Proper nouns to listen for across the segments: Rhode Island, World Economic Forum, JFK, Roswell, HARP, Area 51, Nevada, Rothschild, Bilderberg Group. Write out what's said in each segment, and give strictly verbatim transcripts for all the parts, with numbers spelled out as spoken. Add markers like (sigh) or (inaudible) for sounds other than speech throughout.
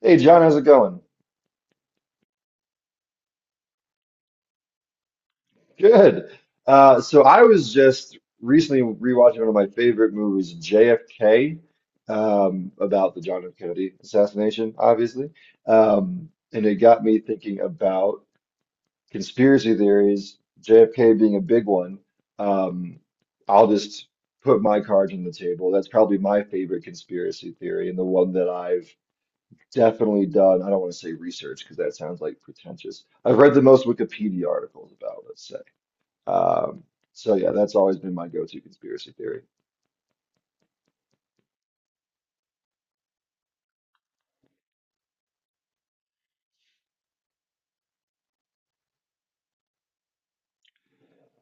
Hey John, how's it going? Good. Uh, so I was just recently rewatching one of my favorite movies, J F K, um, about the John F. Kennedy assassination, obviously. Um, and it got me thinking about conspiracy theories, J F K being a big one. Um, I'll just put my cards on the table. That's probably my favorite conspiracy theory and the one that I've definitely done. I don't want to say research because that sounds like pretentious. I've read the most Wikipedia articles about, let's say. Um, so yeah, that's always been my go-to conspiracy theory.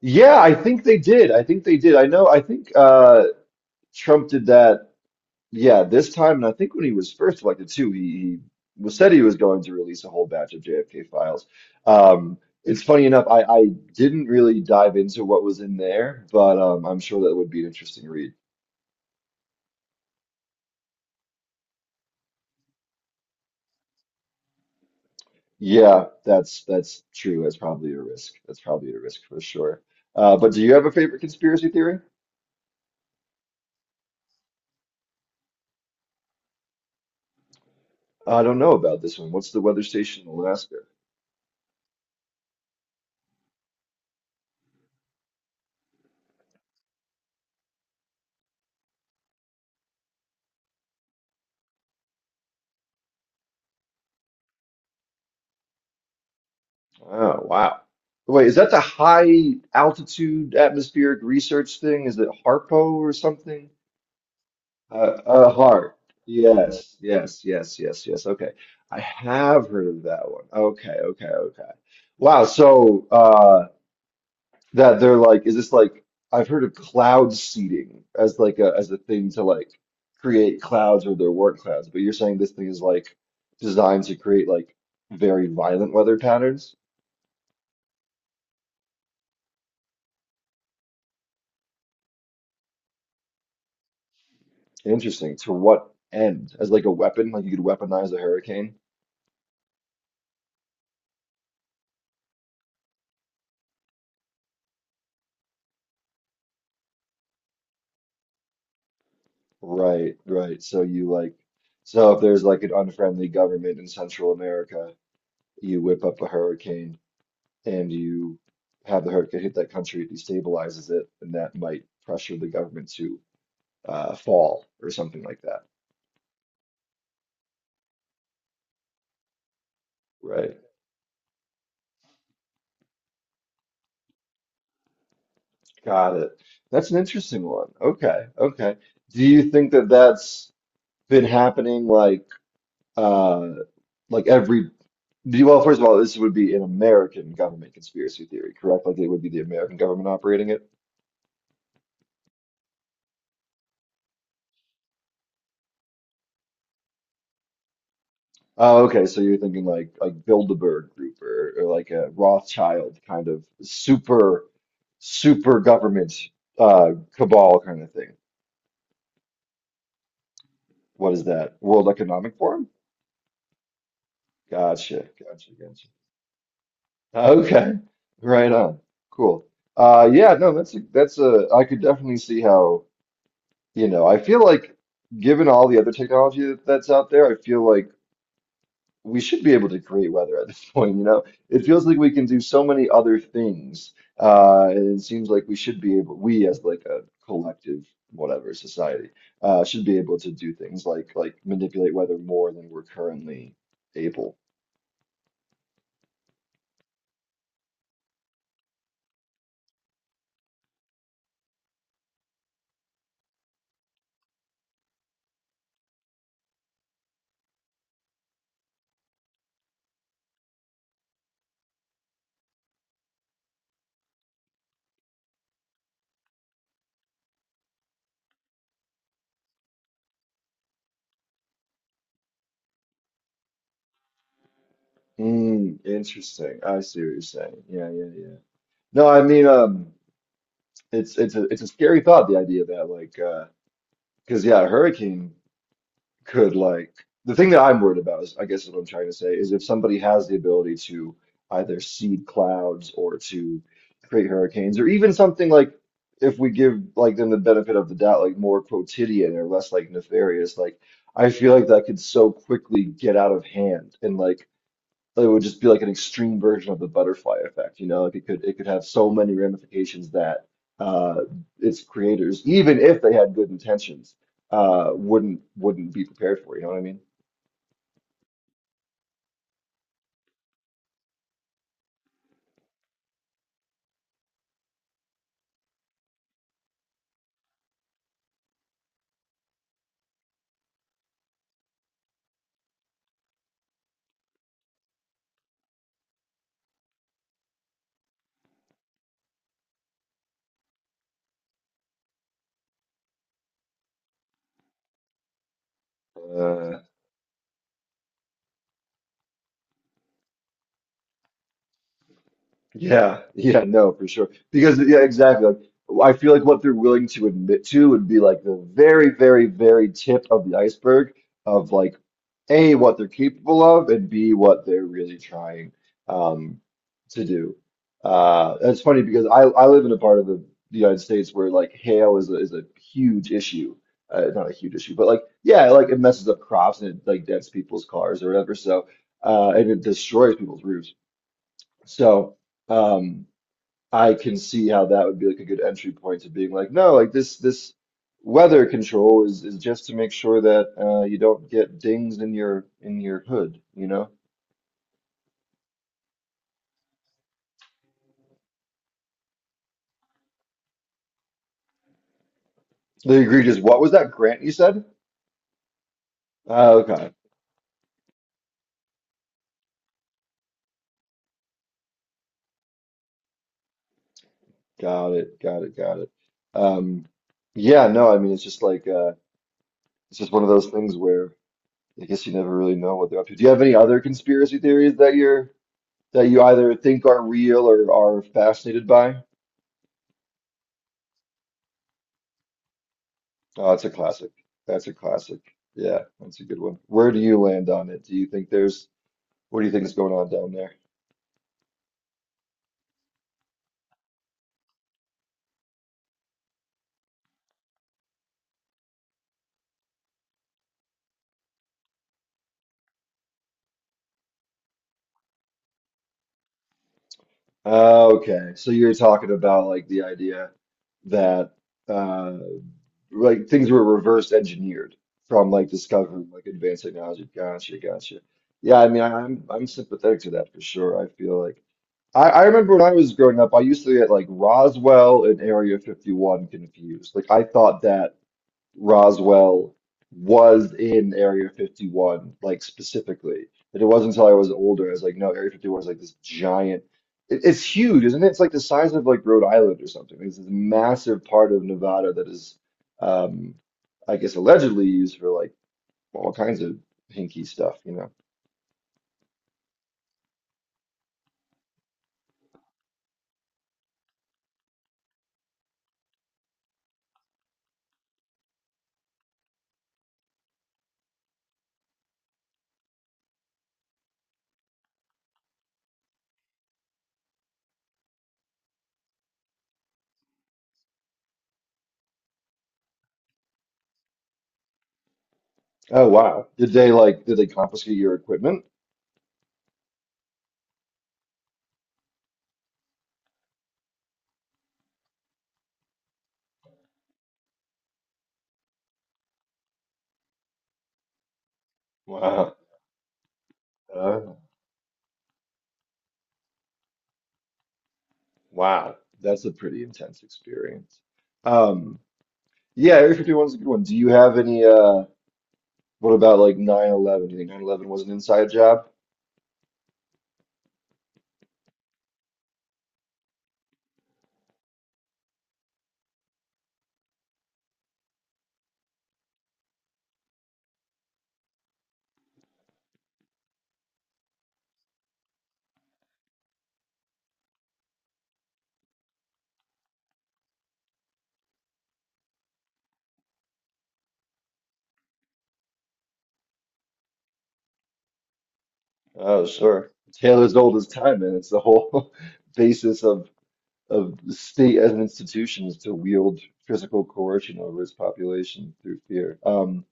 Yeah, I think they did. I think they did. I know. I think uh, Trump did that. Yeah, this time, and I think when he was first elected too, he, he was said he was going to release a whole batch of J F K files. Um, it's funny enough, I, I didn't really dive into what was in there, but um, I'm sure that would be an interesting read. Yeah, that's that's true. That's probably a risk. That's probably a risk for sure. Uh, but do you have a favorite conspiracy theory? I don't know about this one. What's the weather station in Alaska? Oh, wow. Wait, is that the high altitude atmospheric research thing? Is it HARPO or something? Uh, uh, HARP. Yes, yes, yes, yes, yes. Okay. I have heard of that one. Okay, okay, okay. Wow. So, uh, that they're like, is this like I've heard of cloud seeding as like a as a thing to like create clouds or there weren't clouds, but you're saying this thing is like designed to create like very violent weather patterns? Interesting. To what end? As like a weapon, like you could weaponize a hurricane? Right, right. So you like so if there's like an unfriendly government in Central America, you whip up a hurricane and you have the hurricane hit that country, it destabilizes it, and that might pressure the government to uh, fall or something like that, right? Got it. That's an interesting one. Okay, okay. Do you think that that's been happening like uh like every do you, well, first of all, this would be an American government conspiracy theory, correct? Like it would be the American government operating it. Oh, okay. So you're thinking like like Bilderberg Group or, or like a Rothschild kind of super super government uh cabal kind of thing. What is that? World Economic Forum? Gotcha, gotcha, gotcha. Okay, right on. Cool. Uh, yeah, no, that's a, that's a. I could definitely see how, you know, I feel like given all the other technology that's out there, I feel like we should be able to create weather at this (laughs) point, you know? It feels like we can do so many other things. Uh, and it seems like we should be able, we as like a collective, whatever society, uh, should be able to do things like like manipulate weather more than we're currently able. Mm, interesting. I see what you're saying. Yeah, yeah, yeah. No, I mean, um, it's it's a it's a scary thought, the idea that like, uh, because yeah, a hurricane could like the thing that I'm worried about is, I guess, is what I'm trying to say is if somebody has the ability to either seed clouds or to create hurricanes or even something like if we give like them the benefit of the doubt, like more quotidian or less like nefarious, like I feel like that could so quickly get out of hand and like it would just be like an extreme version of the butterfly effect, you know, like it could it could have so many ramifications that uh, its creators, even if they had good intentions, uh, wouldn't wouldn't be prepared for, you know what I mean? Uh, Yeah, yeah, no, for sure. Because yeah, exactly. Like, I feel like what they're willing to admit to would be like the very, very, very tip of the iceberg of like A, what they're capable of, and B, what they're really trying um to do. Uh that's funny because I I live in a part of the United States where like hail is a is a huge issue. Uh, not a huge issue, but like yeah, like it messes up crops and it like dents people's cars or whatever. So uh and it destroys people's roofs. So um I can see how that would be like a good entry point to being like, no, like this this weather control is is just to make sure that uh, you don't get dings in your in your hood, you know? The egregious, what was that grant you said? Oh, okay, got it, got it, got it. Um, yeah, no, I mean it's just like uh, it's just one of those things where I guess you never really know what they're up to. Do you have any other conspiracy theories that you're that you either think are real or are fascinated by? Oh, that's a classic. That's a classic. Yeah, that's a good one. Where do you land on it? Do you think there's, what do you think is going on down there? Oh, okay. So you're talking about like the idea that uh like things were reverse engineered from like discovering like advanced technology. Gotcha, gotcha. Yeah, I mean I, I'm I'm sympathetic to that for sure. I feel like I, I remember when I was growing up, I used to get like Roswell and Area fifty-one confused. Like I thought that Roswell was in Area fifty-one, like specifically. But it wasn't until I was older, I was like, no, Area fifty-one is like this giant. It, it's huge, isn't it? It's like the size of like Rhode Island or something. It's this massive part of Nevada that is, um, I guess, allegedly used for like all kinds of hinky stuff, you know? Oh, wow. Did they like, did they confiscate your equipment? Wow. Uh, wow. That's a pretty intense experience. Um, yeah, Area fifty-one is a good one. Do you have any uh what about like nine eleven? Do you think nine eleven was an inside job? Oh, sure. Tale as old as time, and it's the whole (laughs) basis of of the state as an institution is to wield physical coercion over its population through fear. Um,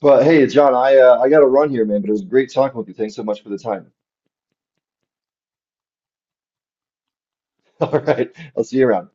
But hey, John, I uh, I got to run here, man. But it was great talking with you. Thanks so much for the time. (laughs) All right, I'll see you around.